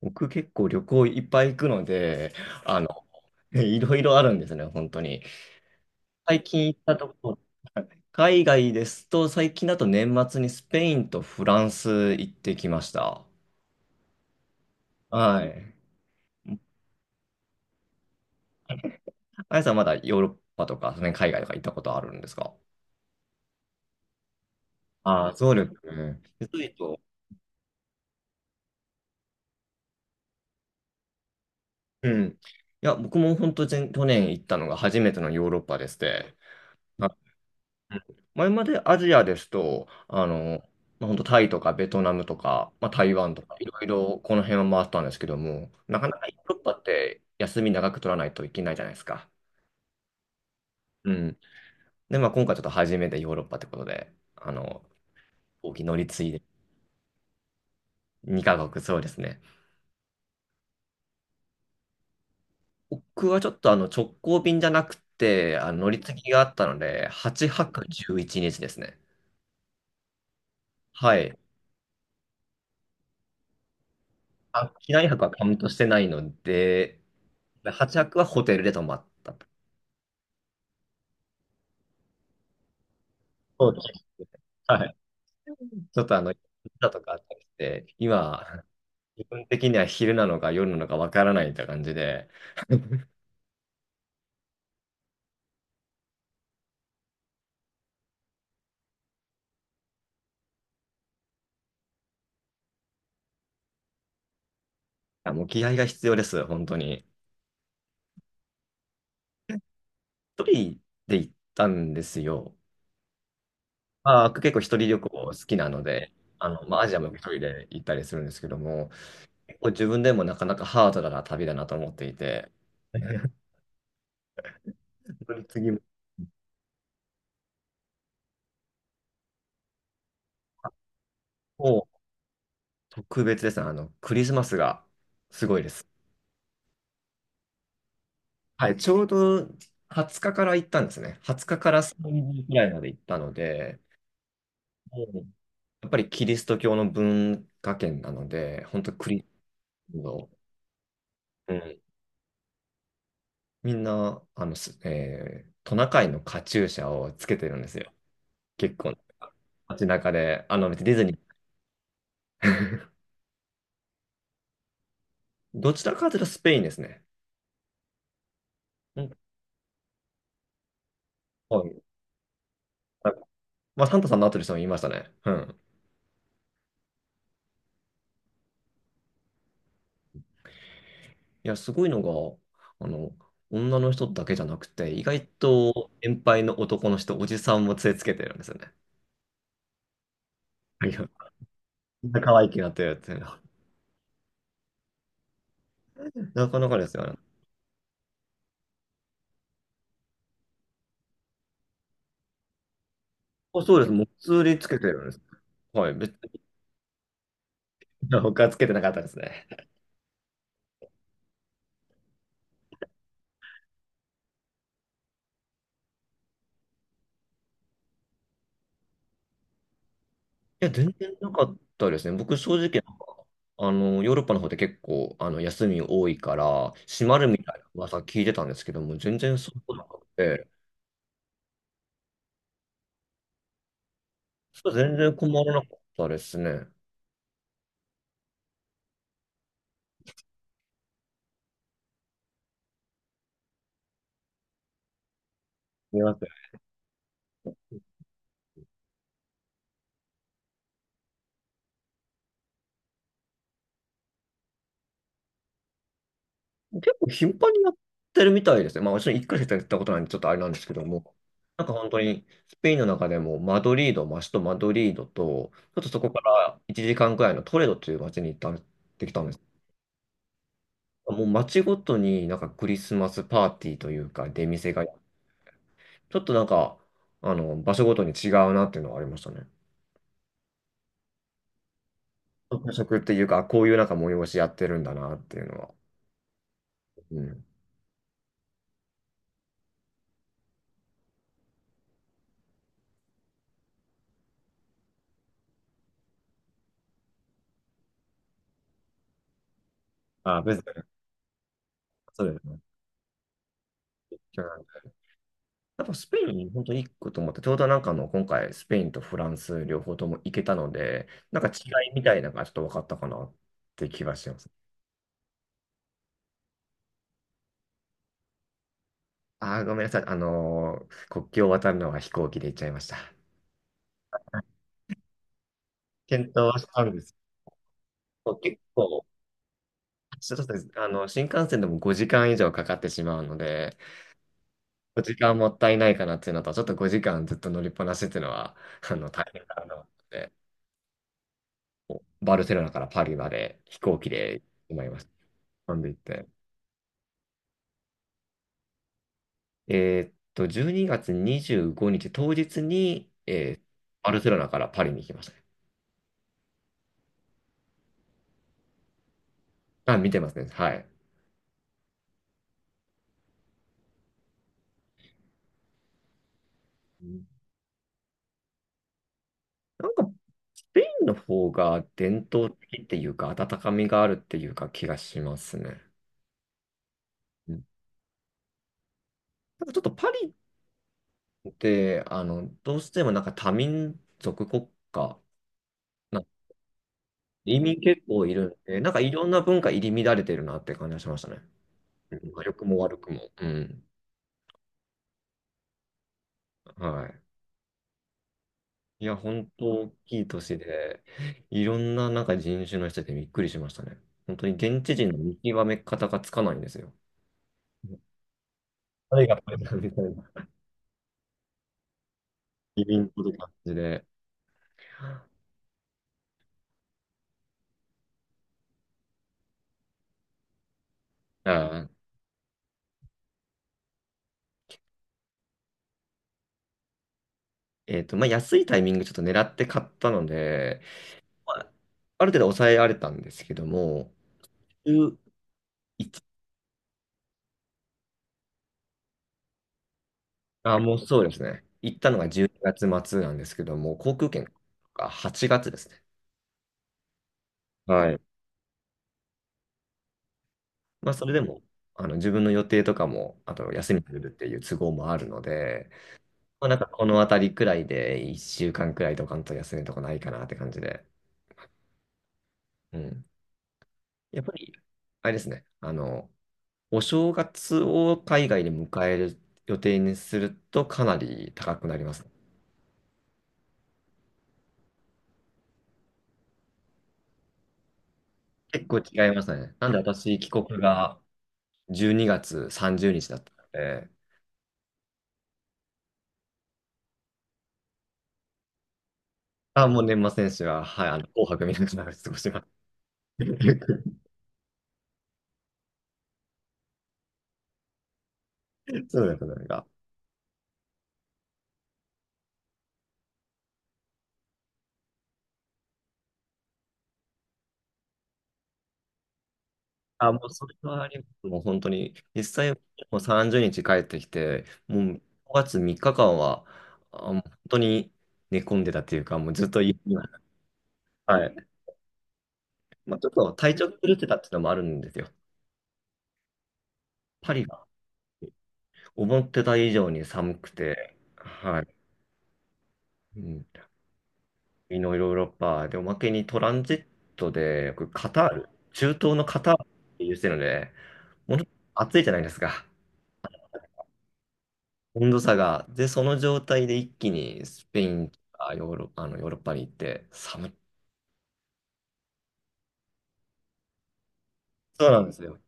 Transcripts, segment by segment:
僕結構旅行いっぱい行くので、あの、いろいろあるんですね、本当に。最近行ったとこ、海外ですと、最近だと年末にスペインとフランス行ってきました。はい。あやさんまだヨーロッパとか、その辺海外とか行ったことあるんですか？ああ、そうですね。でそいうと、うん。いや、僕も本当、前去年行ったのが初めてのヨーロッパでして、うん。前までアジアですと、まあ、本当タイとかベトナムとか、まあ、台湾とか、いろいろこの辺は回ったんですけども、なかなかヨーロッパって休み長く取らないといけないじゃないですか。うん。で、まあ、今回ちょっと初めてヨーロッパってことで、大きい乗り継いで2カ国、そうですね。僕はちょっとあの直行便じゃなくて、あの乗り継ぎがあったので、8泊11日ですね。はい。あ、機内泊はカウントしてないので、8泊はくはホテルで泊まった。そうですね。はい。ちょっとあの、だとかあったりして、今、自分的には昼なのか夜なのかわからないって感じで、あ、もう気合が必要です、本当に。一人で行ったんですよ。まあ、結構一人旅行好きなので、まあ、アジアも一人で行ったりするんですけども、結構自分でもなかなかハードな旅だなと思っていて、本当に次も特別ですね。クリスマスがすごいです。はい、ちょうど20日かから行ったんですね。20日かから30日ぐらいまで行ったので、もうやっぱりキリスト教の文化圏なので、本当クリスチャンの、うん、みんな、あの、すえートナカイのカチューシャをつけてるんですよ。結構、街中で、別にディズニー。どちらかというとスペインですね。うん、はい。まあ、サンタさんの後でも言いましたね。うん。いや、すごいのが、あの、女の人だけじゃなくて、意外と年配の男の人、おじさんも杖つけてるんですよね。いや、みんな可愛くなってるっていうのは。なかなかですよね。あ、そうです。もう普通につけてるんです。はい。別に他はつけてなかったですね。いや、全然なかったですね。僕、正直、ヨーロッパの方で結構、休み多いから、閉まるみたいな噂聞いてたんですけども、全然そうなくて、そう全然困らなかったですね。いや結構頻繁にやってるみたいですね。まあ、もちろん回しかやったことないんで、ちょっとあれなんですけども、なんか本当に、スペインの中でもマドリード、マストマドリードと、ちょっとそこから1時間くらいのトレドという街に行ってきたんです。もう街ごとになんかクリスマスパーティーというか、出店が、ちょっとなんか、場所ごとに違うなっていうのはありましたね。特色っていうか、こういうなんか催しやってるんだなっていうのは。うん。あ、別に、そうですね。やっぱスペイン、本当に行くと思って、ちょうどなんか今回、スペインとフランス両方とも行けたので、なんか違いみたいなのがちょっと分かったかなって気がしてます。ああ、ごめんなさい。国境を渡るのは飛行機で行っちゃいました。検討はしたんです。結構、そうです。新幹線でも5時間以上かかってしまうので、5時間もったいないかなっていうのと、ちょっと5時間ずっと乗りっぱなしっていうのは、大変かなと思って、バルセロナからパリまで飛行機で行ってまいりました。飛んで行って。12月25日当日に、バルセロナからパリに行きましたね。あ、見てますね。はい。うん。なんか、スペインの方が伝統的っていうか、温かみがあるっていうか気がしますね。うん。なんかちょっとパリって、どうしてもなんか多民族国家、なんか移民結構いるんで、なんかいろんな文化入り乱れてるなって感じがしましたね。うん、良くも悪くも。うん。はい。いや、本当大きい都市で、いろんななんか人種の人でびっくりしましたね。本当に現地人の見極め方がつかないんですよ。誰がこれだ みたいな、移民という感じで。あーまあ、安いタイミングちょっと狙って買ったので、まあ、ある程度抑えられたんですけども、11、あ、もうそうですね。行ったのが12月末なんですけども、航空券が8月ですね。はい。まあ、それでも、自分の予定とかも、あと休み取れるっていう都合もあるので、まあ、なんかこのあたりくらいで、1週間くらいとかんと休みとかないかなって感じで。うん。やっぱり、あれですね、お正月を海外で迎える予定にするとかなり高くなりますね。結構違いますね。なんで私、帰国が12月30日だったので、あ、もう年末年始は、はい、紅白見ながら過ごします。そうですね。あ、もうそれはあります。もう本当に、実際、もう30日帰ってきて、もう5月3日間は、あ、もう本当に寝込んでたっていうか、もうずっと家には、はい。まあ、ちょっと体調崩してたっていうのもあるんですよ。パリが思ってた以上に寒くて、はい。うん、南のヨーロッパで、おまけにトランジットで、僕カタール、中東のカタールっていうしてるので、ものすごく暑いじゃないですか。温度差が。で、その状態で一気にスペインとかヨーロッパに行って寒い。そうなんですよ。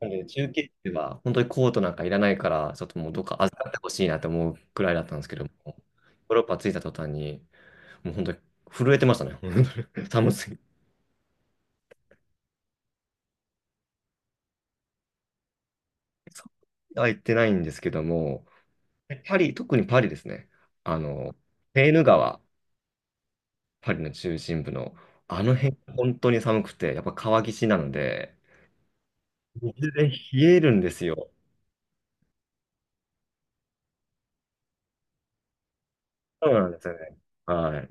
なんで、中継では本当にコートなんかいらないから、ちょっともうどっか預かってほしいなって思うくらいだったんですけども、ヨーロッパ着いた途端に、もう本当に震えてましたね。本当に寒すぎて。そうは行ってないんですけども、パリ、特にパリですね。あの、セーヌ川、パリの中心部の、あの辺、本当に寒くて、やっぱ川岸なので、水で冷えるんですよ。そうなんですよね。はい。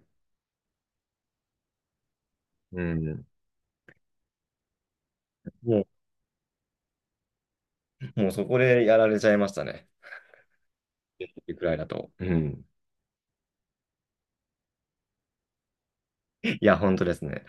うん。もう、もうそこでやられちゃいましたね。いくらいだと。うん。いや、本当ですね。